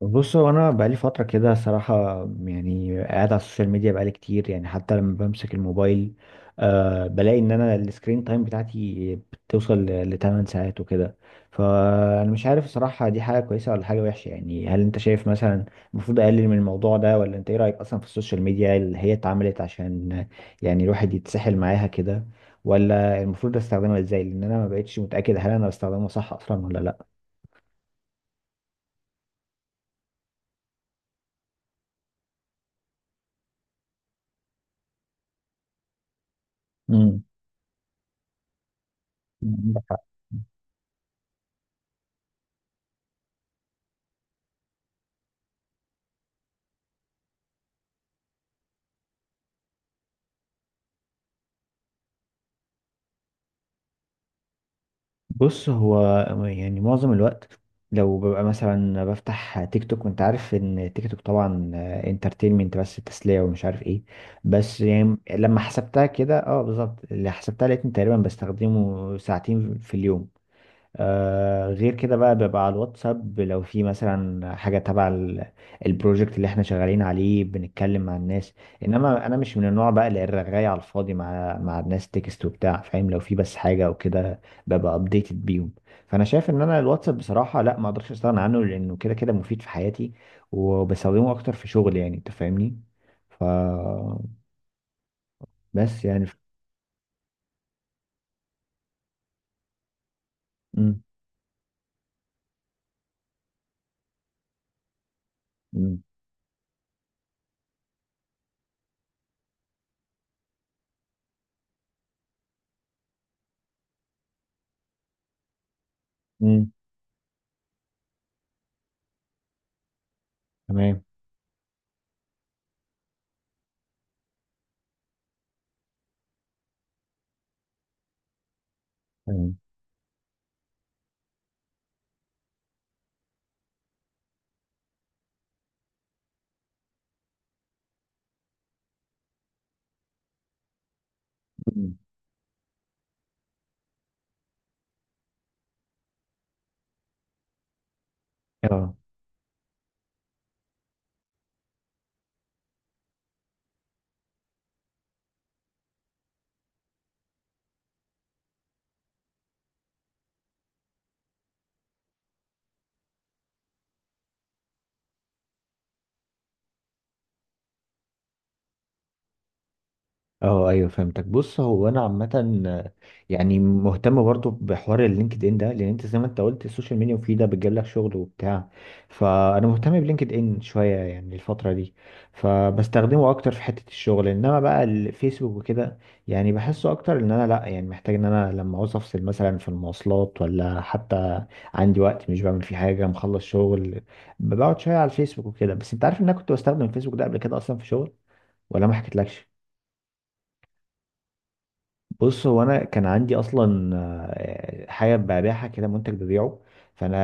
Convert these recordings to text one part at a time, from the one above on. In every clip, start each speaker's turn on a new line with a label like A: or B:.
A: بص هو انا بقالي فتره كده صراحه، يعني قاعد على السوشيال ميديا بقالي كتير. يعني حتى لما بمسك الموبايل أه بلاقي ان السكرين تايم بتاعتي بتوصل ل 8 ساعات وكده. فانا مش عارف الصراحه، دي حاجه كويسه ولا حاجه وحشه؟ يعني هل انت شايف مثلا المفروض اقلل من الموضوع ده، ولا انت ايه رايك اصلا في السوشيال ميديا اللي هي اتعملت عشان يعني الواحد يتسحل معاها كده، ولا المفروض استخدمها ازاي؟ لان انا ما بقتش متاكد هل انا بستخدمها صح اصلا ولا لا. امم بص هو يعني معظم الوقت لو ببقى مثلا بفتح تيك توك، وانت عارف ان تيك توك طبعا انترتينمنت بس، تسلية ومش عارف ايه. بس يعني لما حسبتها كده، اه بالظبط اللي حسبتها لقيتني تقريبا بستخدمه ساعتين في اليوم. آه، غير كده بقى بيبقى على الواتساب لو في مثلا حاجة تبع البروجكت اللي احنا شغالين عليه، بنتكلم مع الناس. انما انا مش من النوع بقى اللي الرغاية على الفاضي مع الناس تكست وبتاع، فاهم؟ لو في بس حاجة او كده ببقى ابديتد بيهم. فانا شايف ان انا الواتساب بصراحة لا، ما اقدرش استغنى عنه لانه كده كده مفيد في حياتي، وبستخدمه اكتر في شغل يعني، انت فاهمني؟ ف بس يعني ف... م-. م-. م-. تمام. تمام. م-. اه. اه ايوه فهمتك. بص هو انا عامه آه، يعني مهتم برضو بحوار اللينكد ان ده، لان انت زي ما انت قلت، السوشيال ميديا مفيده بتجيب لك شغل وبتاع. فانا مهتم بلينكد ان شويه يعني الفتره دي، فبستخدمه اكتر في حته الشغل. انما بقى الفيسبوك وكده، يعني بحسه اكتر ان انا لا يعني محتاج ان انا لما عاوز افصل مثلا في المواصلات، ولا حتى عندي وقت مش بعمل فيه حاجه، مخلص شغل، بقعد شويه على الفيسبوك وكده. بس انت عارف ان انا كنت بستخدم الفيسبوك ده قبل كده اصلا في شغل، ولا ما حكيتلكش؟ بص هو انا كان عندي اصلا آه، حاجه ببيعها كده، منتج ببيعه. فانا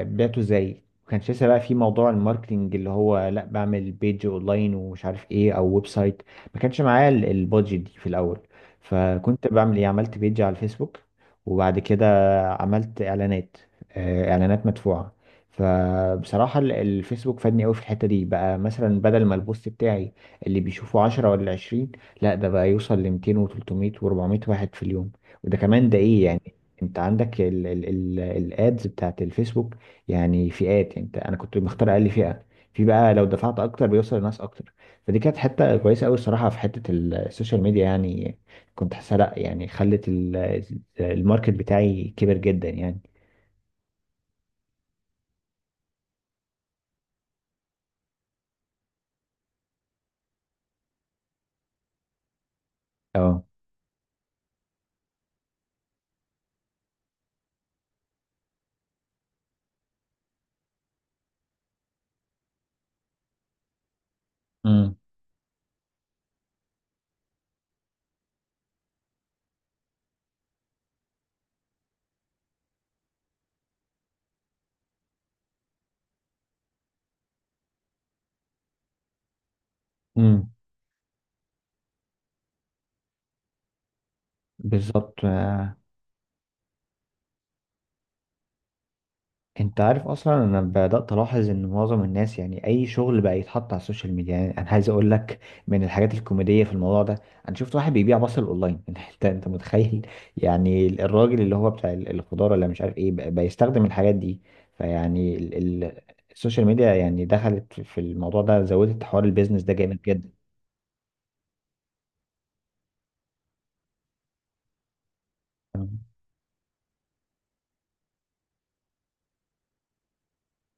A: آه، بعته ازاي؟ ما كانش لسه بقى في موضوع الماركتنج اللي هو لا بعمل بيج اونلاين ومش عارف ايه، او ويب سايت. ما كانش معايا البادجت دي في الاول. فكنت بعمل ايه؟ عملت بيج على الفيسبوك وبعد كده عملت اعلانات آه، اعلانات مدفوعه. فبصراحة الفيسبوك فادني قوي في الحتة دي، بقى مثلا بدل ما البوست بتاعي اللي بيشوفه 10 ولا 20، لا ده بقى يوصل ل 200 و300 و400 واحد في اليوم. وده كمان ده ايه يعني؟ انت عندك ال ال ال الادز بتاعت الفيسبوك يعني فئات، يعني انت انا كنت مختار اقل فئة. في بقى لو دفعت اكتر بيوصل لناس اكتر. فدي كانت حتة كويسة قوي الصراحة في حتة السوشيال ميديا، يعني كنت حاسة لا يعني خلت الماركت بتاعي كبر جدا يعني. اه. امم. امم بالظبط. آه. انت عارف اصلا انا بدات الاحظ ان معظم الناس يعني اي شغل بقى يتحط على السوشيال ميديا. يعني انا عايز اقول لك من الحاجات الكوميديه في الموضوع ده، انا شفت واحد بيبيع بصل اونلاين انت انت متخيل؟ يعني الراجل اللي هو بتاع الخضار ولا مش عارف ايه بقى بيستخدم الحاجات دي. فيعني ال- السوشيال ميديا يعني دخلت في الموضوع ده، زودت حوار البيزنس ده جامد جدا. تمام.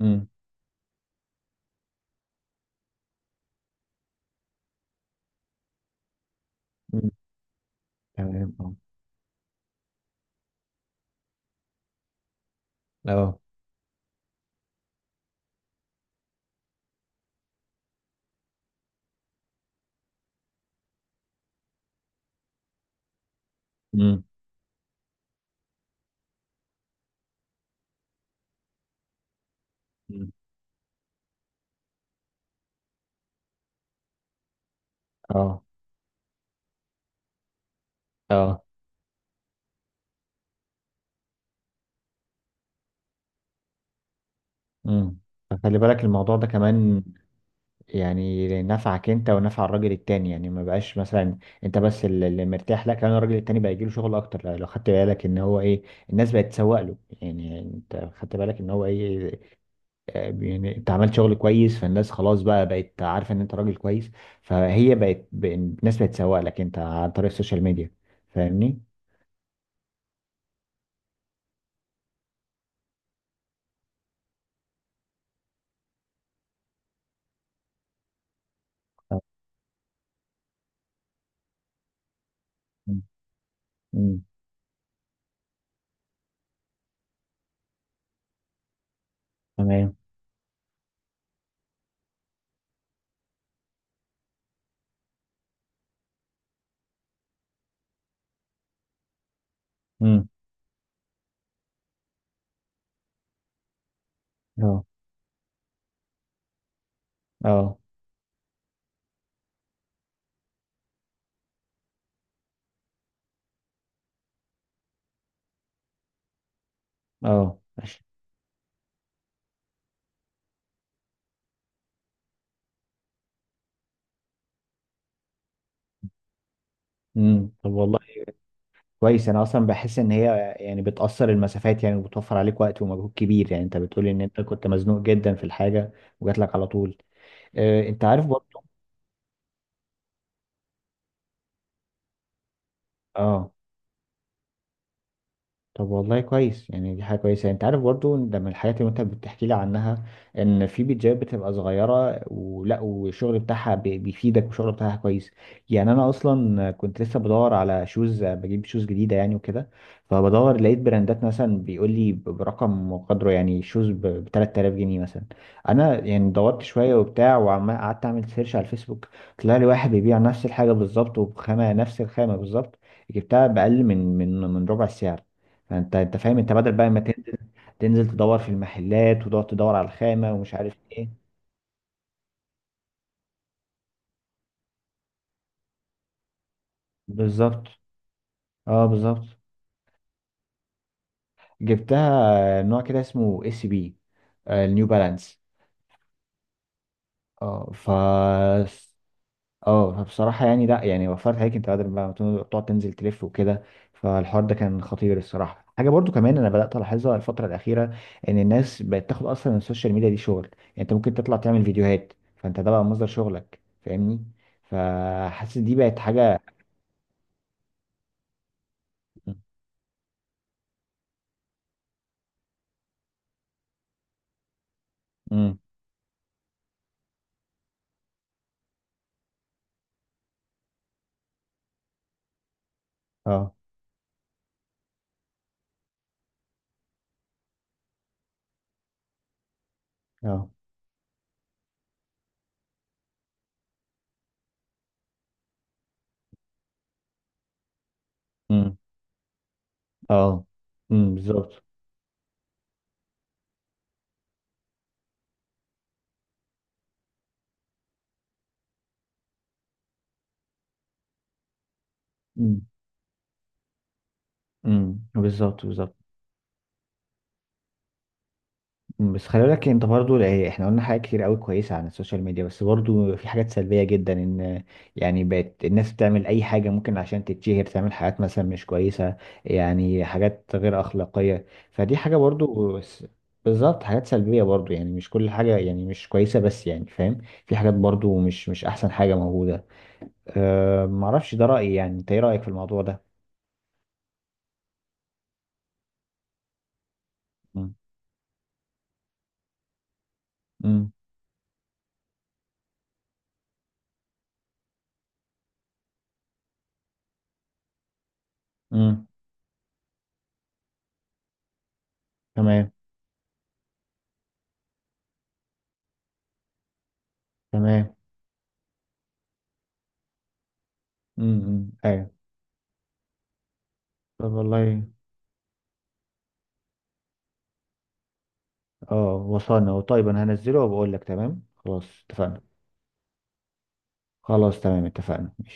A: امم. امم. تمام. اه. اه. امم. امم. اه. اه. امم. فخلي بالك الموضوع ده كمان يعني نفعك انت ونفع الراجل التاني، يعني ما بقاش مثلا انت بس اللي مرتاح، لا كمان الراجل التاني بقى يجيله شغل اكتر، لو خدت بالك ان هو ايه، الناس بقت تسوق له. يعني انت خدت بالك ان هو ايه؟ اه، يعني انت عملت شغل كويس فالناس خلاص بقى بقت عارفه ان انت راجل كويس، فهي بقت الناس بقت تسوق لك انت عن طريق السوشيال ميديا. فاهمني؟ اه. امم. امم. تمام. امم. اه. اه. اه ماشي. امم. طب والله كويس، انا اصلا بحس ان هي يعني بتقصر المسافات يعني، وبتوفر عليك وقت ومجهود كبير يعني. انت بتقولي ان انت كنت مزنوق جدا في الحاجه وجات لك على طول. آه، انت عارف برضه؟ اه. طب والله كويس يعني دي حاجة كويسة. انت عارف برضو ده من الحاجات اللي انت بتحكي لي عنها، ان في بيتزايات بتبقى صغيرة ولا، والشغل بتاعها بيفيدك، والشغل بتاعها كويس. يعني انا اصلا كنت لسه بدور على شوز، بجيب شوز جديدة يعني وكده. فبدور، لقيت براندات مثلا بيقول لي برقم وقدره يعني، شوز ب 3000 جنيه مثلا. انا يعني دورت شوية وبتاع، وقعدت اعمل سيرش على الفيسبوك، طلع لي واحد بيبيع نفس الحاجة بالظبط، وبخامة نفس الخامة بالظبط، جبتها بأقل من ربع السعر. فانت انت فاهم انت بدل بقى ما تن- تنزل تدور في المحلات، وتقعد تدور على الخامة ومش عارف ايه. بالظبط. اه بالظبط. جبتها نوع كده اسمه اس بي، النيو بالانس. اه. ف. اه فبصراحة يعني لا يعني وفرت عليك انت بدل ما تن- تقعد تنزل تلف وكده. فالحوار ده كان خطير الصراحة. حاجة برضو كمان انا بدأت الاحظها الفترة الأخيرة، ان الناس بقت تاخد اصلا السوشيال ميديا دي شغل، يعني انت ممكن تطلع تعمل فيديوهات فانت ده بقى مصدر شغلك، فاهمني؟ فحاسس دي بقت حاجة. امم. اه. اه. امم. اه. بالظبط. امم. بالظبط. بالظبط. أمم، بس خلي بالك انت برضو يعني احنا قلنا حاجات كتير قوي كويسه عن السوشيال ميديا، بس برضو في حاجات سلبيه جدا، ان يعني بقت الناس بتعمل اي حاجه ممكن عشان تتشهر، تعمل حاجات مثلا مش كويسه، يعني حاجات غير اخلاقيه. فدي حاجه برضو، بس بالظبط حاجات سلبيه برضو. يعني مش كل حاجه يعني مش كويسه بس، يعني فاهم؟ في حاجات برضو مش احسن حاجه موجوده. أه معرفش، ده رايي، يعني انت ايه رايك في الموضوع ده؟ مم. مم. مم. تمام. تمام. مم. مم. ايوه. طب والله. اه وصلنا طيب، انا هنزله وبقول لك، تمام خلاص اتفقنا. خلاص تمام اتفقنا ماشي.